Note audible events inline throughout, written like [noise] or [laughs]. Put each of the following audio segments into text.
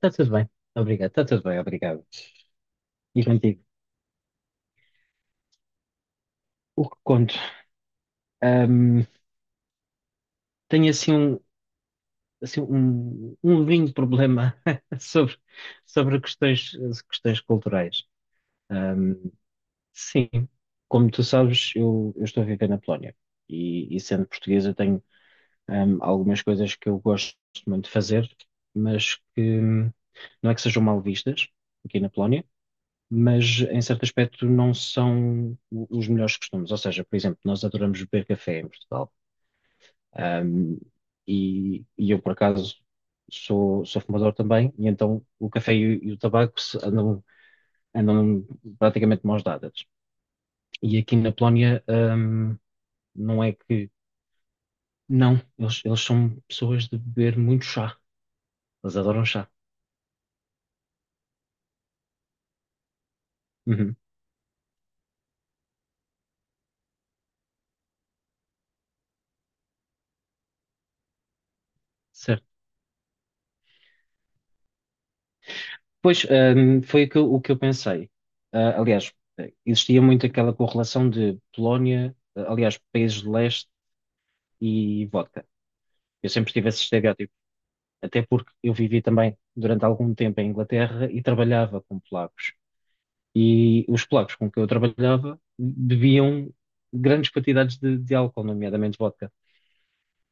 Está tudo bem, obrigado. Está tudo bem, obrigado. E contigo? O que conto? Ahm, Tenho um lindo problema [laughs] sobre, sobre, questões culturais. Ahm, sim, como tu sabes, eu estou a viver na Polónia e sendo português eu tenho algumas coisas que eu gosto muito de fazer, mas que não é que sejam mal vistas aqui na Polónia. Mas em certo aspecto não são os melhores costumes. Ou seja, por exemplo, nós adoramos beber café em Portugal. Ahm, e eu, por acaso, sou fumador também, e então o café e o tabaco andam praticamente de mãos dadas. E aqui na Polónia, não é que. Não, eles são pessoas de beber muito chá. Eles adoram chá. Uhum, certo. Pois, foi o que eu pensei. Ah, aliás, existia muito aquela correlação de Polónia, ah, aliás, países de leste e vodka. Eu sempre tive esse estereótipo, até porque eu vivi também durante algum tempo em Inglaterra e trabalhava com polacos. E os polacos com que eu trabalhava bebiam grandes quantidades de álcool, nomeadamente vodka.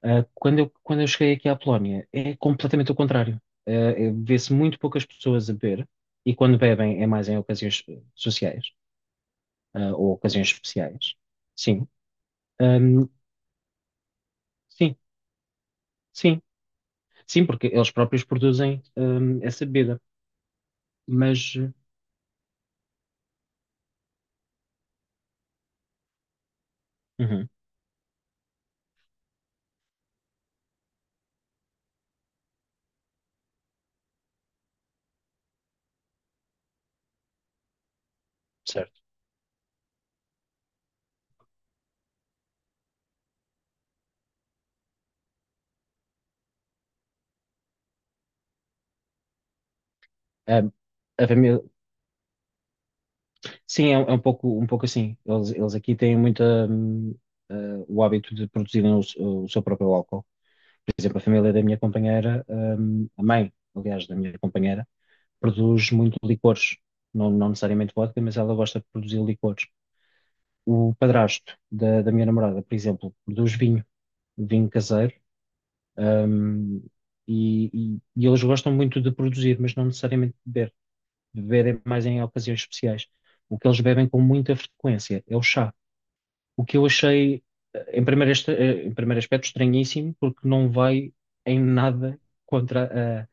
Quando eu cheguei aqui à Polónia, é completamente o contrário. Vê-se muito poucas pessoas a beber, e quando bebem é mais em ocasiões sociais, ou ocasiões especiais. Sim. Ahm, sim, sim. Sim, porque eles próprios produzem, essa bebida. Mas, uhum, certo. Ahm, a família, sim, é, um é um pouco assim. Eles aqui têm muita, hum, ah, o hábito de produzirem o seu próprio álcool. Por exemplo, a família da minha companheira, a mãe, aliás, da minha companheira, produz muito licores. Não, não necessariamente vodka, mas ela gosta de produzir licores. O padrasto da minha namorada, por exemplo, produz vinho, vinho caseiro, hum, e eles gostam muito de produzir, mas não necessariamente de beber. Beber é mais em ocasiões especiais. O que eles bebem com muita frequência é o chá. O que eu achei, em primeiro aspecto, estranhíssimo, porque não vai em nada contra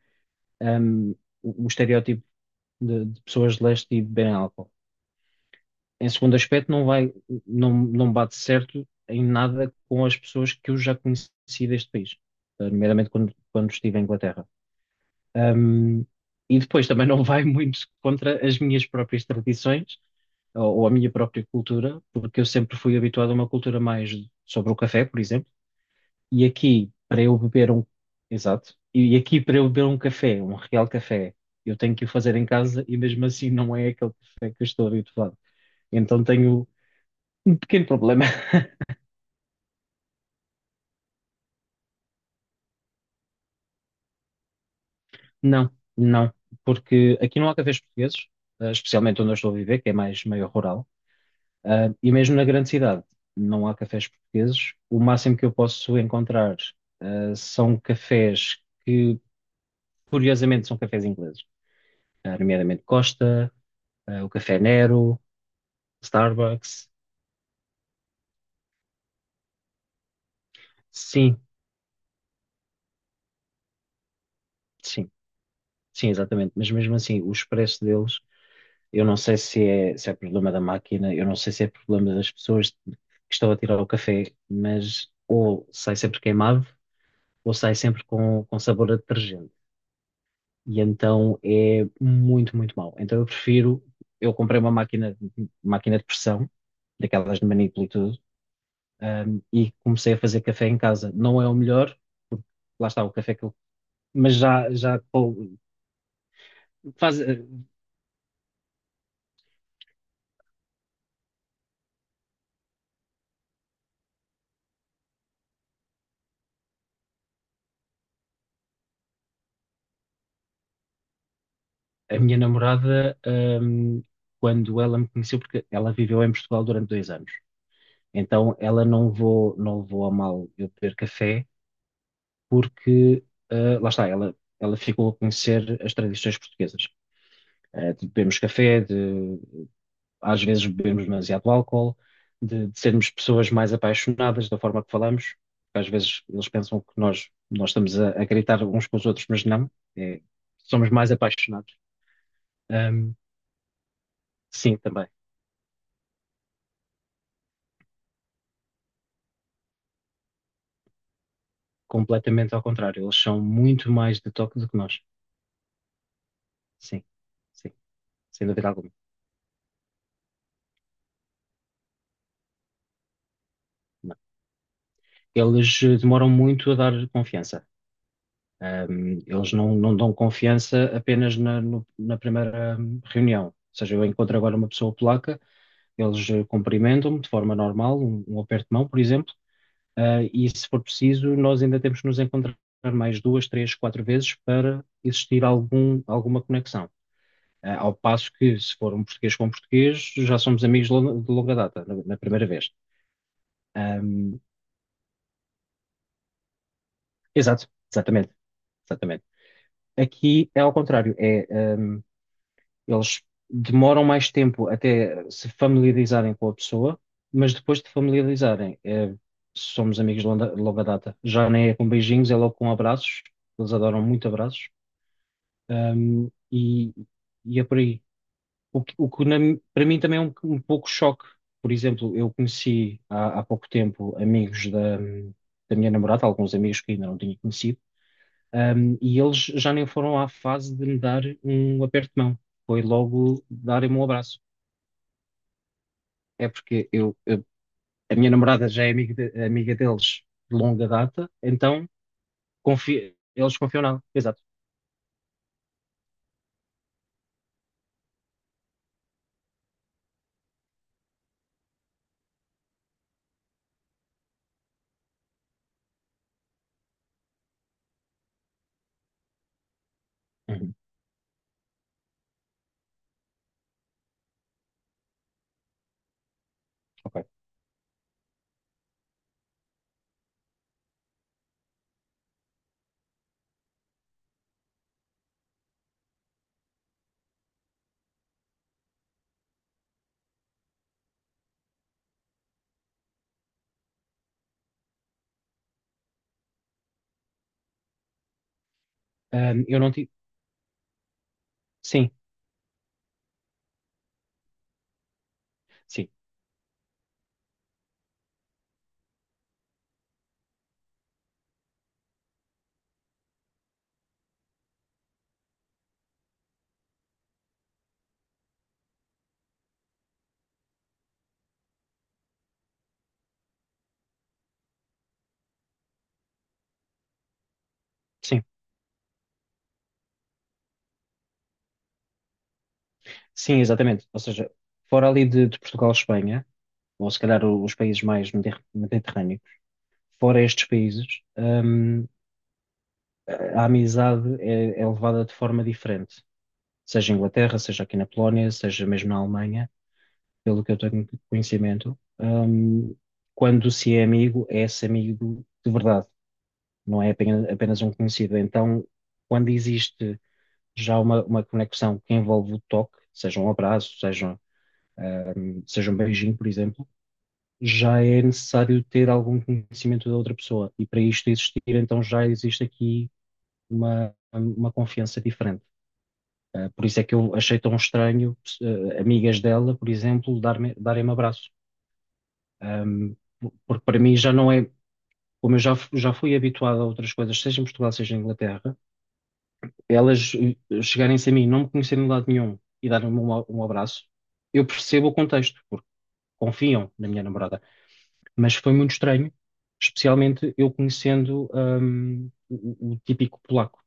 um, o estereótipo de pessoas de leste e de beberem álcool. Em segundo aspecto, não vai, não bate certo em nada com as pessoas que eu já conheci deste país, nomeadamente quando estive em Inglaterra. Um, e depois também não vai muito contra as minhas próprias tradições ou a minha própria cultura, porque eu sempre fui habituado a uma cultura mais sobre o café, por exemplo. E aqui, para eu beber um. Exato. E aqui, para eu beber um café, um real café, eu tenho que o fazer em casa e mesmo assim não é aquele café que eu estou habituado. Então tenho um pequeno problema. [laughs] Não, não. Porque aqui não há cafés portugueses, especialmente onde eu estou a viver, que é mais meio rural. Ah, e mesmo na grande cidade, não há cafés portugueses. O máximo que eu posso encontrar, são cafés que, curiosamente, são cafés ingleses. Ah, nomeadamente Costa, o Café Nero. Starbucks, sim, sim, sim, exatamente. Mas mesmo assim, o expresso deles, eu não sei se é problema da máquina, eu não sei se é problema das pessoas que estão a tirar o café, mas ou sai sempre queimado, ou sai sempre com sabor a detergente. E então é muito, muito mau. Então eu prefiro, eu comprei uma máquina, máquina de pressão, daquelas de manípulo e tudo, e comecei a fazer café em casa. Não é o melhor, porque lá está o café que eu mas já, já, faz, a minha namorada, hum, quando ela me conheceu, porque ela viveu em Portugal durante 2 anos, então ela não levou a mal eu beber café, porque lá está, ela ficou a conhecer as tradições portuguesas. Ah, de bebermos café, de às vezes bebermos demasiado álcool, de sermos pessoas mais apaixonadas da forma que falamos, porque às vezes eles pensam que nós estamos a gritar uns com os outros, mas não, é, somos mais apaixonados. Hum, sim, também. Completamente ao contrário. Eles são muito mais detox do que nós. Sim, sim, sem dúvida alguma. Eles demoram muito a dar confiança. Eles não, não dão confiança apenas na, no- na primeira reunião. Ou seja, eu encontro agora uma pessoa polaca, eles cumprimentam-me de forma normal, um aperto de mão, por exemplo, e se for preciso, nós ainda temos que nos encontrar mais duas, três, quatro vezes para existir algum, alguma conexão. Ao passo que, se for um português com português, já somos amigos de longa data, na primeira vez. Ahm, Exato, exatamente, exatamente. Aqui é ao contrário, é, ahm, eles demoram mais tempo até se familiarizarem com a pessoa, mas depois de familiarizarem, somos amigos de longa data. Já nem é com beijinhos, é logo com abraços. Eles adoram muito abraços. Ahm, e, e é por aí. O que para mim também é um pouco choque. Por exemplo, eu conheci há pouco tempo amigos da minha namorada, alguns amigos que ainda não tinha conhecido, e eles já nem foram à fase de me dar um aperto de mão. Foi logo darem-me um abraço. É porque a minha namorada já é amiga deles de longa data, então confia, eles confiam nela. Exato. Uhum, ok. Eu não tive. Sim, sim, sim. Sim, exatamente. Ou seja, fora ali de Portugal e Espanha. Ou se calhar os países mais mediterrâneos, fora estes países, hum, a amizade é levada de forma diferente, seja em Inglaterra, seja aqui na Polónia, seja mesmo na Alemanha, pelo que eu tenho conhecimento, quando se é amigo, é esse amigo de verdade, não é apenas um conhecido. Então, quando existe já uma conexão que envolve o toque, seja um abraço, seja um beijinho, por exemplo, já é necessário ter algum conhecimento da outra pessoa. E para isto existir, então já existe aqui uma confiança diferente. Por isso é que eu achei tão estranho, amigas dela, por exemplo, dar-me, darem-me abraço. Um, Porque para mim já não é. Como eu já, já fui habituado a outras coisas, seja em Portugal, seja em Inglaterra, elas chegarem-se a mim, não me conhecerem de lado nenhum e darem-me um abraço, eu percebo o contexto, porque confiam na minha namorada. Mas foi muito estranho, especialmente eu conhecendo, o típico polaco.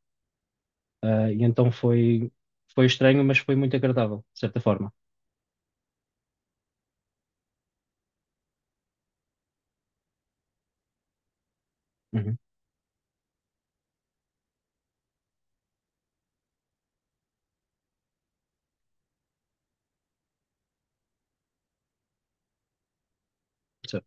Ah, e então foi estranho, mas foi muito agradável, de certa forma. Uhum. So-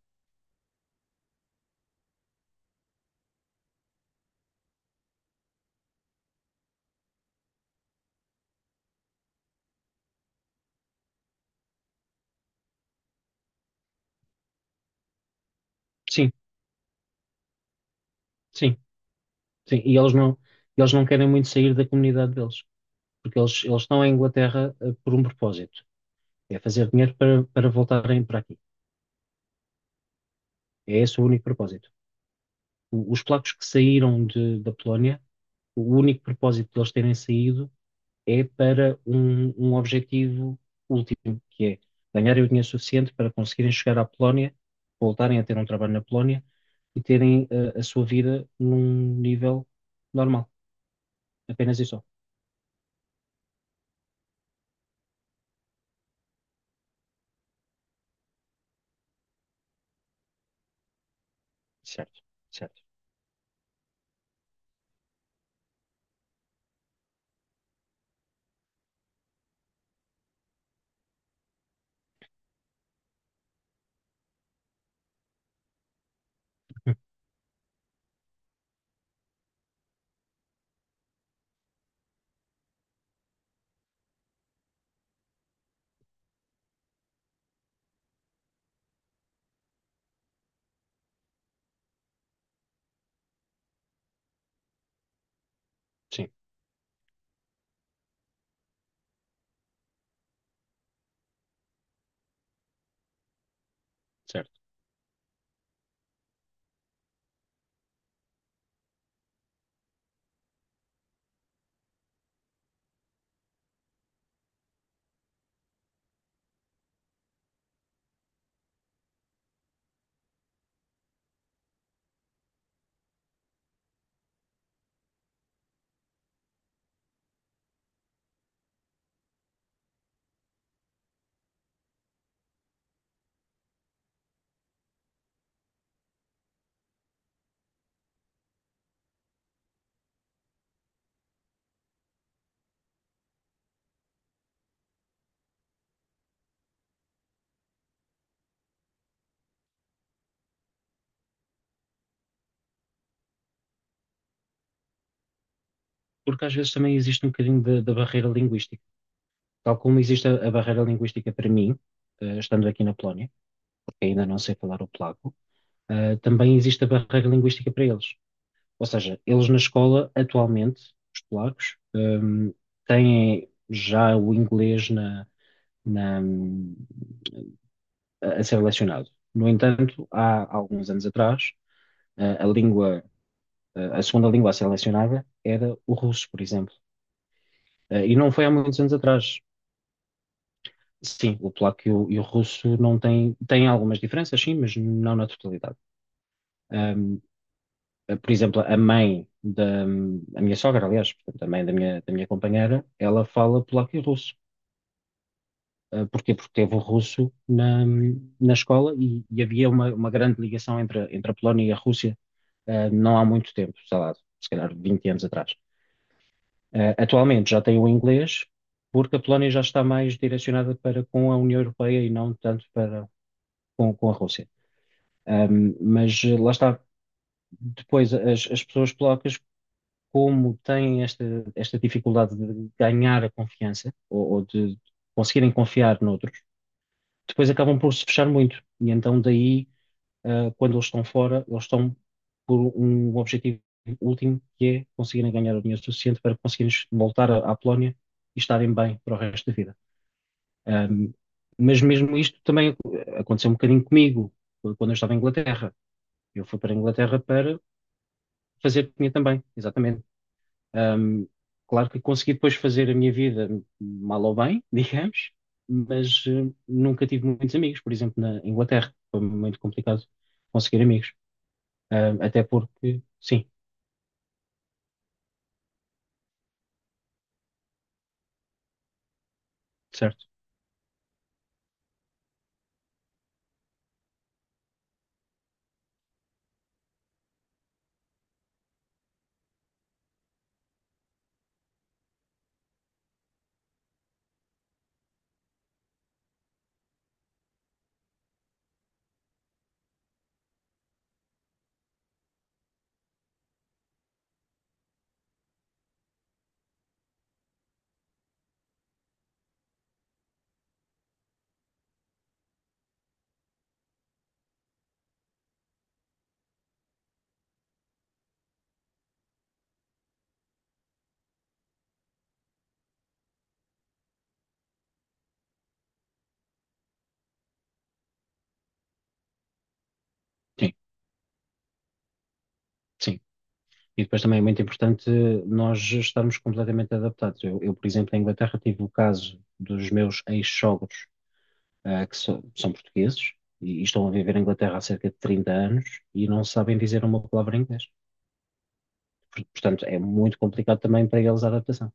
Sim, sim, sim. E eles não querem muito sair da comunidade deles, porque eles estão em Inglaterra, por um propósito. É fazer dinheiro para voltarem para aqui. É esse o único propósito. Os polacos que saíram de, da Polónia, o único propósito deles terem saído é para um objetivo último, que é ganharem o dinheiro suficiente para conseguirem chegar à Polónia, voltarem a ter um trabalho na Polónia e terem a sua vida num nível normal, apenas e só. Certo, certo. [laughs] Hum, sim, certo. Porque às vezes também existe um bocadinho da barreira linguística. Tal como existe a barreira linguística para mim, estando aqui na Polónia, porque ainda não sei falar o polaco, também existe a barreira linguística para eles. Ou seja, eles na escola, atualmente, os polacos, têm já o inglês na- a ser lecionado. No entanto, há alguns anos atrás, a língua, a segunda língua a ser lecionada era o russo, por exemplo. E não foi há muitos anos atrás. Sim, o polaco e o russo não têm, têm algumas diferenças, sim, mas não na totalidade. Ahm, por exemplo, a mãe da a minha sogra, aliás, portanto, a mãe da minha companheira, ela fala polaco e russo. Porquê? Porque teve o russo na escola e havia uma grande ligação entre a Polónia e a Rússia, não há muito tempo, sei lá, se calhar 20 anos atrás. Atualmente já tem o inglês, porque a Polónia já está mais direcionada para com a União Europeia e não tanto para com a Rússia. Mas lá está, depois as pessoas polacas, como têm esta dificuldade de ganhar a confiança ou de conseguirem confiar noutros, depois acabam por se fechar muito. E então daí, quando eles estão fora, eles estão por um objetivo último que é conseguirem ganhar o dinheiro suficiente para conseguirem voltar à Polónia e estarem bem para o resto da vida. Ahm, mas mesmo isto também aconteceu um bocadinho comigo quando eu estava em Inglaterra. Eu fui para a Inglaterra para fazer dinheiro também, exatamente. Ahm, Claro que consegui depois fazer a minha vida mal ou bem, [laughs] digamos, mas nunca tive muitos amigos, por exemplo, na Inglaterra. Foi muito complicado conseguir amigos. Até porque, sim, certo, sim, sim. E depois também é muito importante nós estarmos completamente adaptados. Eu, por exemplo, na Inglaterra tive o caso dos meus ex-sogros, ah, que são portugueses e estão a viver na Inglaterra há cerca de 30 anos e não sabem dizer uma palavra em inglês. Portanto, é muito complicado também para eles a adaptação.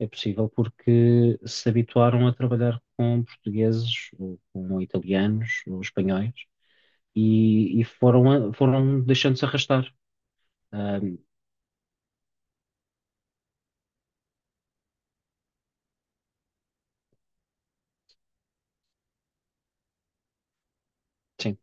É possível porque se habituaram a trabalhar com portugueses, ou com italianos, ou espanhóis, e foram, foram deixando-se arrastar. Ahm, sim,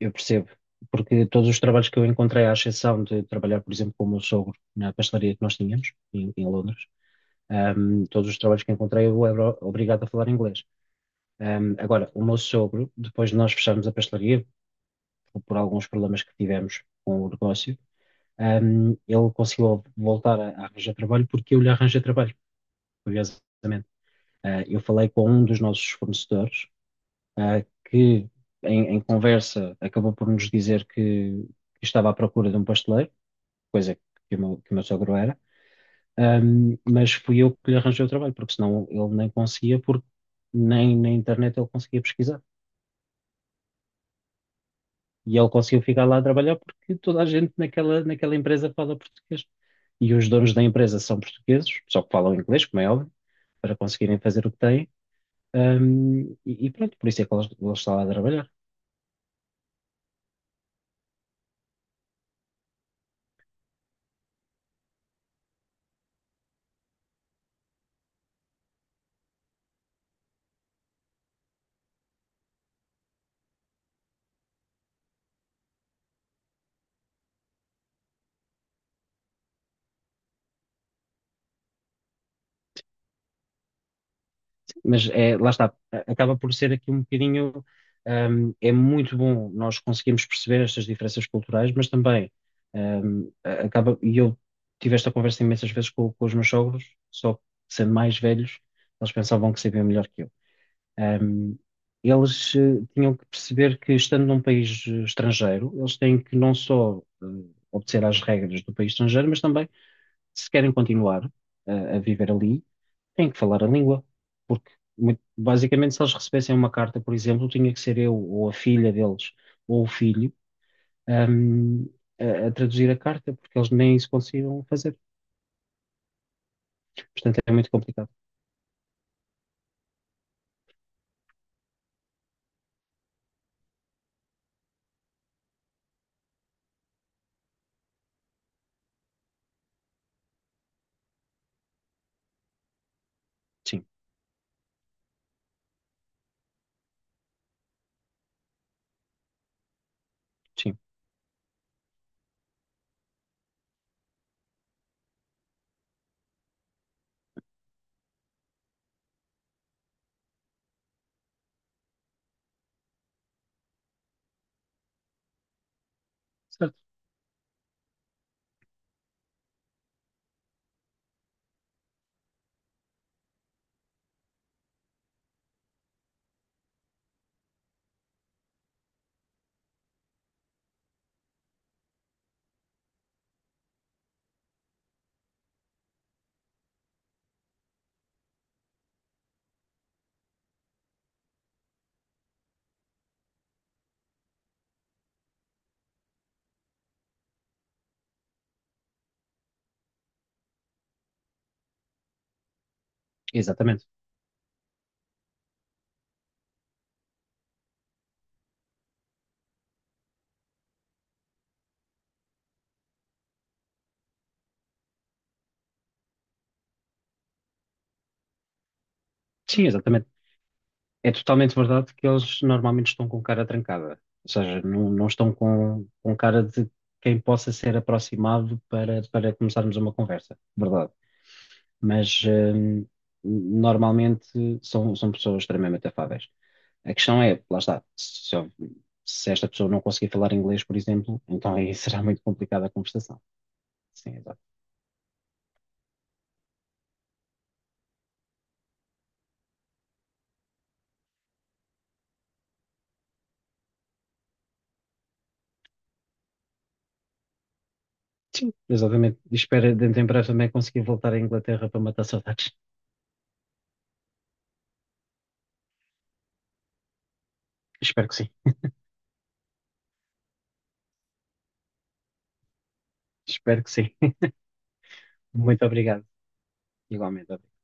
eu percebo. Porque todos os trabalhos que eu encontrei, à exceção de trabalhar, por exemplo, com o meu sogro na pastelaria que nós tínhamos, em Londres, todos os trabalhos que encontrei eu era obrigado a falar inglês. Agora, o meu sogro, depois de nós fecharmos a pastelaria, por alguns problemas que tivemos com o negócio, ele conseguiu voltar a arranjar trabalho porque eu lhe arranjei trabalho, curiosamente. Ah, eu falei com um dos nossos fornecedores, ah, que em conversa acabou por nos dizer que estava à procura de um pasteleiro, coisa que que o meu sogro era, mas fui eu que lhe arranjei o trabalho, porque senão ele nem conseguia, porque nem na internet ele conseguia pesquisar. E ele conseguiu ficar lá a trabalhar porque toda a gente naquela empresa fala português. E os donos da empresa são portugueses, só que falam inglês, como é óbvio, para conseguirem fazer o que têm. E, e pronto, por isso é que ele está lá a trabalhar. Mas é, lá está, acaba por ser aqui um bocadinho. Um, é muito bom nós conseguirmos perceber estas diferenças culturais, mas também um, acaba. E eu tive esta conversa imensas vezes com os meus sogros, só que sendo mais velhos, eles pensavam que sabiam melhor que eu. Ahm, Eles tinham que perceber que, estando num país estrangeiro, eles têm que não só obedecer às regras do país estrangeiro, mas também, se querem continuar a viver ali, têm que falar a língua. Porque, basicamente, se eles recebessem uma carta, por exemplo, tinha que ser eu ou a filha deles ou o filho ahm, a traduzir a carta, porque eles nem isso conseguiam fazer. Portanto, é muito complicado. Sim, sim. Certo. Exatamente. Sim, exatamente. É totalmente verdade que eles normalmente estão com cara trancada, ou seja, não, não estão com cara de quem possa ser aproximado para, para começarmos uma conversa, verdade. Mas normalmente são, são pessoas extremamente afáveis. A questão é, lá está, se esta pessoa não conseguir falar inglês, por exemplo, então aí [laughs] será muito complicada a conversação. Sim, exato. Sim, exatamente. E espero dentro em breve também conseguir voltar à Inglaterra para matar saudades. [laughs] Espero que sim. Espero que sim. [laughs] Muito obrigado. Igualmente.